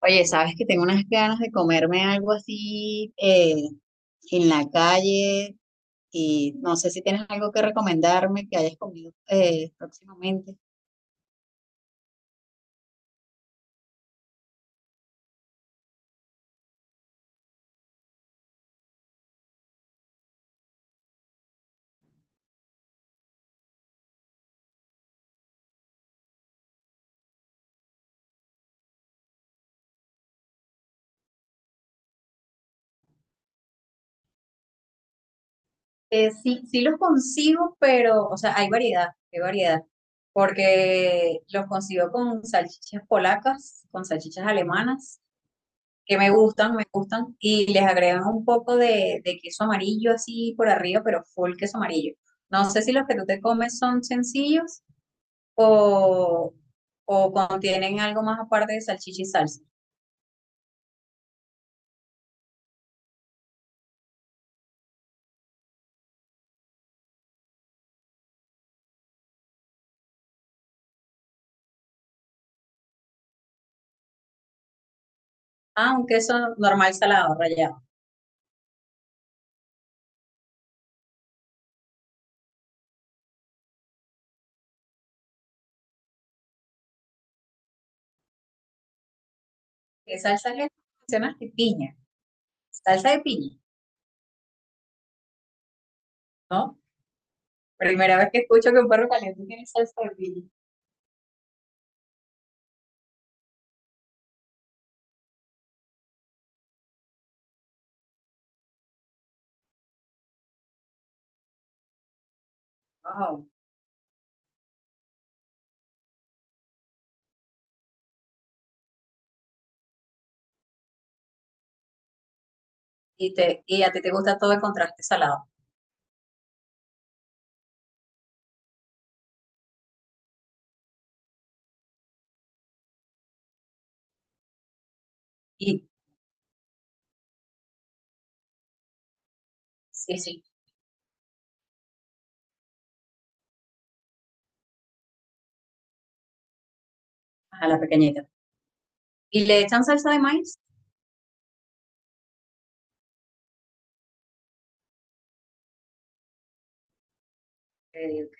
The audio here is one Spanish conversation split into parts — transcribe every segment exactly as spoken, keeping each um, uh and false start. Oye, sabes que tengo unas ganas de comerme algo así eh, en la calle y no sé si tienes algo que recomendarme que hayas comido eh, próximamente. Eh, sí, sí los consigo, pero, o sea, hay variedad, hay variedad, porque los consigo con salchichas polacas, con salchichas alemanas, que me gustan, me gustan, y les agregan un poco de, de queso amarillo así por arriba, pero full queso amarillo. No sé si los que tú te comes son sencillos o, o contienen algo más aparte de salchicha y salsa. Ah, un queso normal salado, rallado. ¿Qué salsa le mencionas? ¿De piña? Salsa de piña, ¿no? Primera vez que escucho que un perro caliente tiene salsa de piña. Wow. Y, te, y a ti te gusta todo el contraste salado. Y sí, sí, a la pequeñita. ¿Y le echan salsa de maíz? Ok, ok.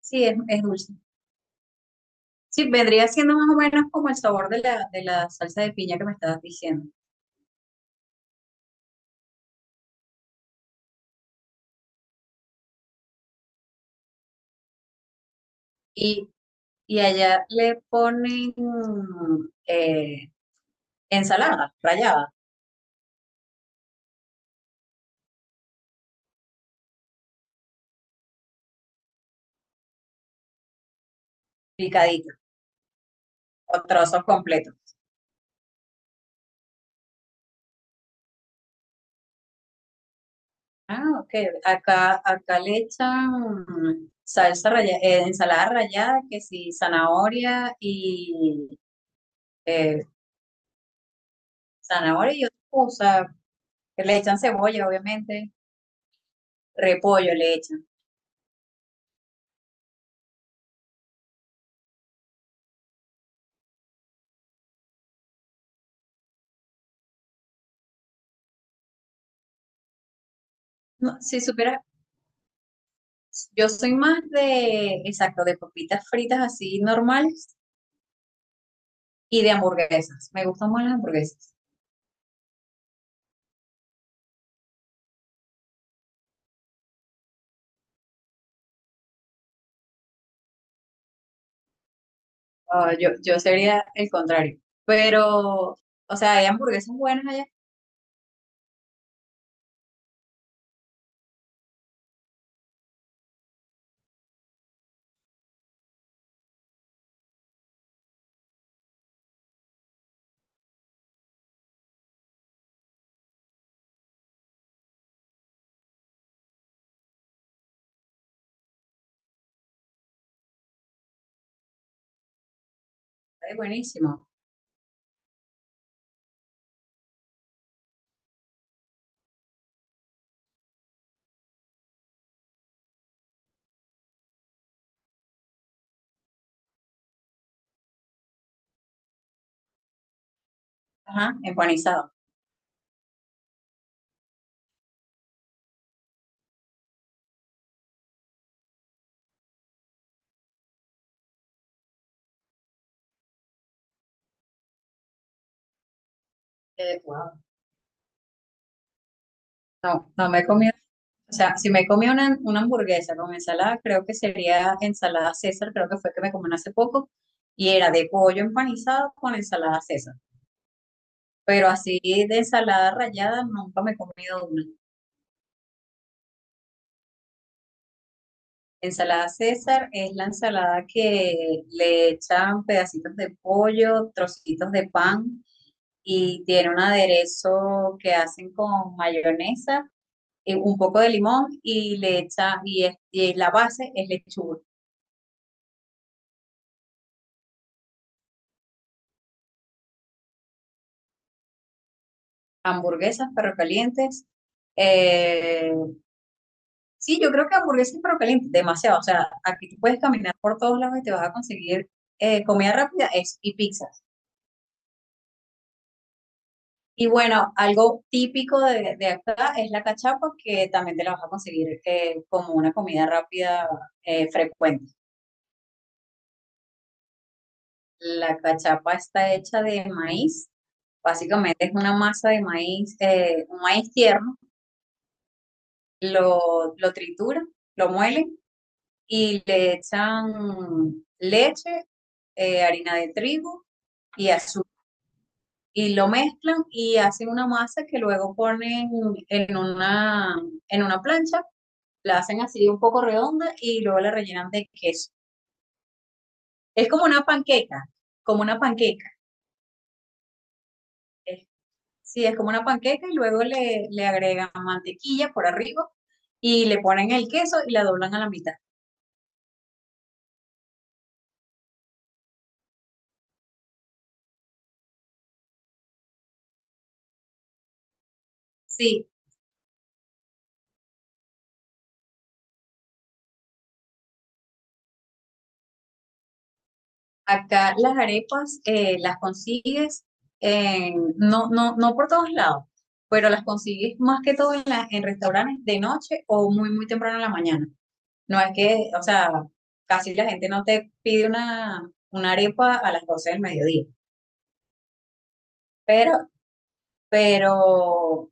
Sí, es, es dulce. Sí, vendría siendo más o menos como el sabor de la, de la salsa de piña que me estabas diciendo. Y y allá le ponen mm, eh, ensalada rallada, picadita, o trozos completos. Ah, ok. Acá, acá le echan salsa rallada, eh, ensalada rallada, que sí, zanahoria y eh, zanahoria y otra cosa. Le echan cebolla, obviamente. Repollo le echan. No, si supieras, yo soy más de, exacto, de papitas fritas así normales y de hamburguesas. Me gustan más las hamburguesas. No, yo, yo sería el contrario. Pero, o sea, hay hamburguesas buenas allá. Ay, buenísimo. Ajá, empanizado. Eh, wow. No, no me he comido. O sea, si me he comido una, una hamburguesa con ensalada, creo que sería ensalada César, creo que fue que me comí hace poco, y era de pollo empanizado con ensalada César. Pero así de ensalada rallada nunca me he comido una. Ensalada César es la ensalada que le echan pedacitos de pollo, trocitos de pan, y tiene un aderezo que hacen con mayonesa, eh, un poco de limón y le echa, y, es- y la base es lechuga. Hamburguesas, perro calientes. eh, sí, yo creo que hamburguesas y perro calientes, demasiado. O sea, aquí tú puedes caminar por todos lados y te vas a conseguir eh, comida rápida es, y pizzas. Y bueno, algo típico de, de acá es la cachapa, que también te la vas a conseguir eh, como una comida rápida eh, frecuente. La cachapa está hecha de maíz. Básicamente es una masa de maíz, eh, un maíz tierno. Lo, lo tritura, lo muelen y le echan leche, eh, harina de trigo y azúcar. Y lo mezclan y hacen una masa que luego ponen en una, en una plancha, la hacen así un poco redonda y luego la rellenan de queso. Es como una panqueca, como una panqueca. Sí, es como una panqueca y luego le, le agregan mantequilla por arriba y le ponen el queso y la doblan a la mitad. Sí, acá las arepas eh, las consigues, en- no, no, no por todos lados, pero las consigues más que todo en, la- en restaurantes de noche o muy, muy temprano en la mañana. No es que, o sea, casi la gente no te pide una, una arepa a las doce del mediodía, pero, pero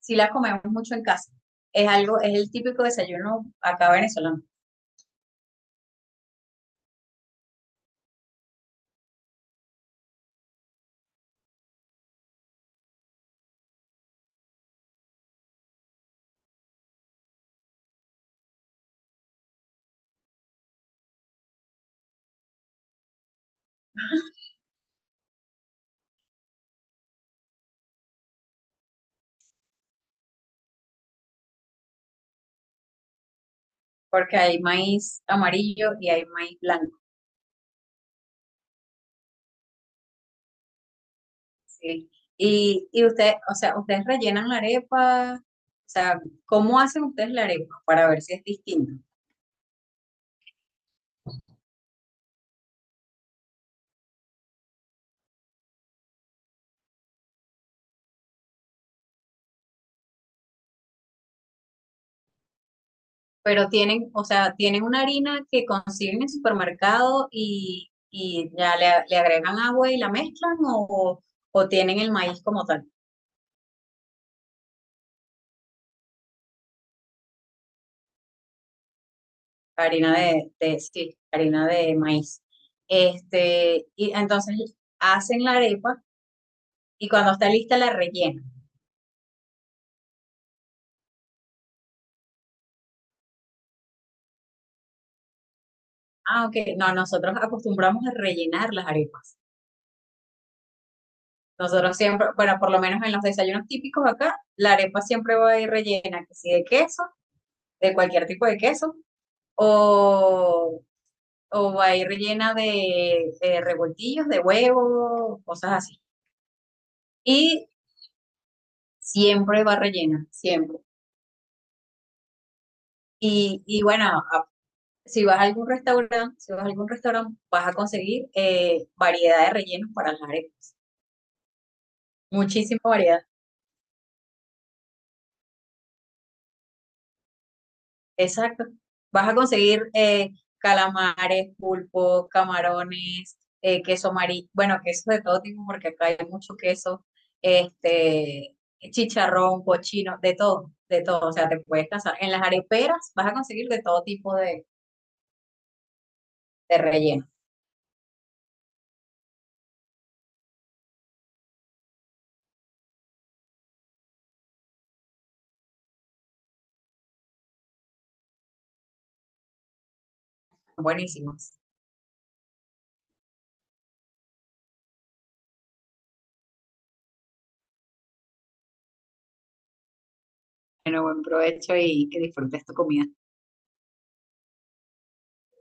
sí la comemos mucho en casa. Es algo, es el típico desayuno acá venezolano, porque hay maíz amarillo y hay maíz blanco. ¿Sí? Y, y ustedes, o sea, ustedes rellenan la arepa, o sea, ¿cómo hacen ustedes la arepa para ver si es distinto? Pero tienen, o sea, tienen una harina que consiguen en supermercado y, y ya le, le agregan agua y la mezclan o, o tienen el maíz como tal. Harina de, de sí, harina de maíz. Este, y entonces hacen la arepa y cuando está lista la rellenan. Ah, ok. No, nosotros acostumbramos a rellenar las arepas. Nosotros siempre, bueno, por lo menos en los desayunos típicos acá, la arepa siempre va a ir rellena, que si de queso, de cualquier tipo de queso, o, o va a ir rellena de, de revoltillos, de huevo, cosas así. Y siempre va rellena, siempre. Y, y bueno, si vas a algún restaurante, si vas a algún restaurante, vas a conseguir eh, variedad de rellenos para las arepas. Muchísima variedad. Exacto. Vas a conseguir eh, calamares, pulpo, camarones, eh, queso amarillo, bueno, queso de todo tipo, porque acá hay mucho queso, este, chicharrón, cochino, de todo, de todo. O sea, te puedes casar. En las areperas vas a conseguir de todo tipo de, de rellenos. Buenísimos. Bueno, buen provecho y que disfrutes tu comida.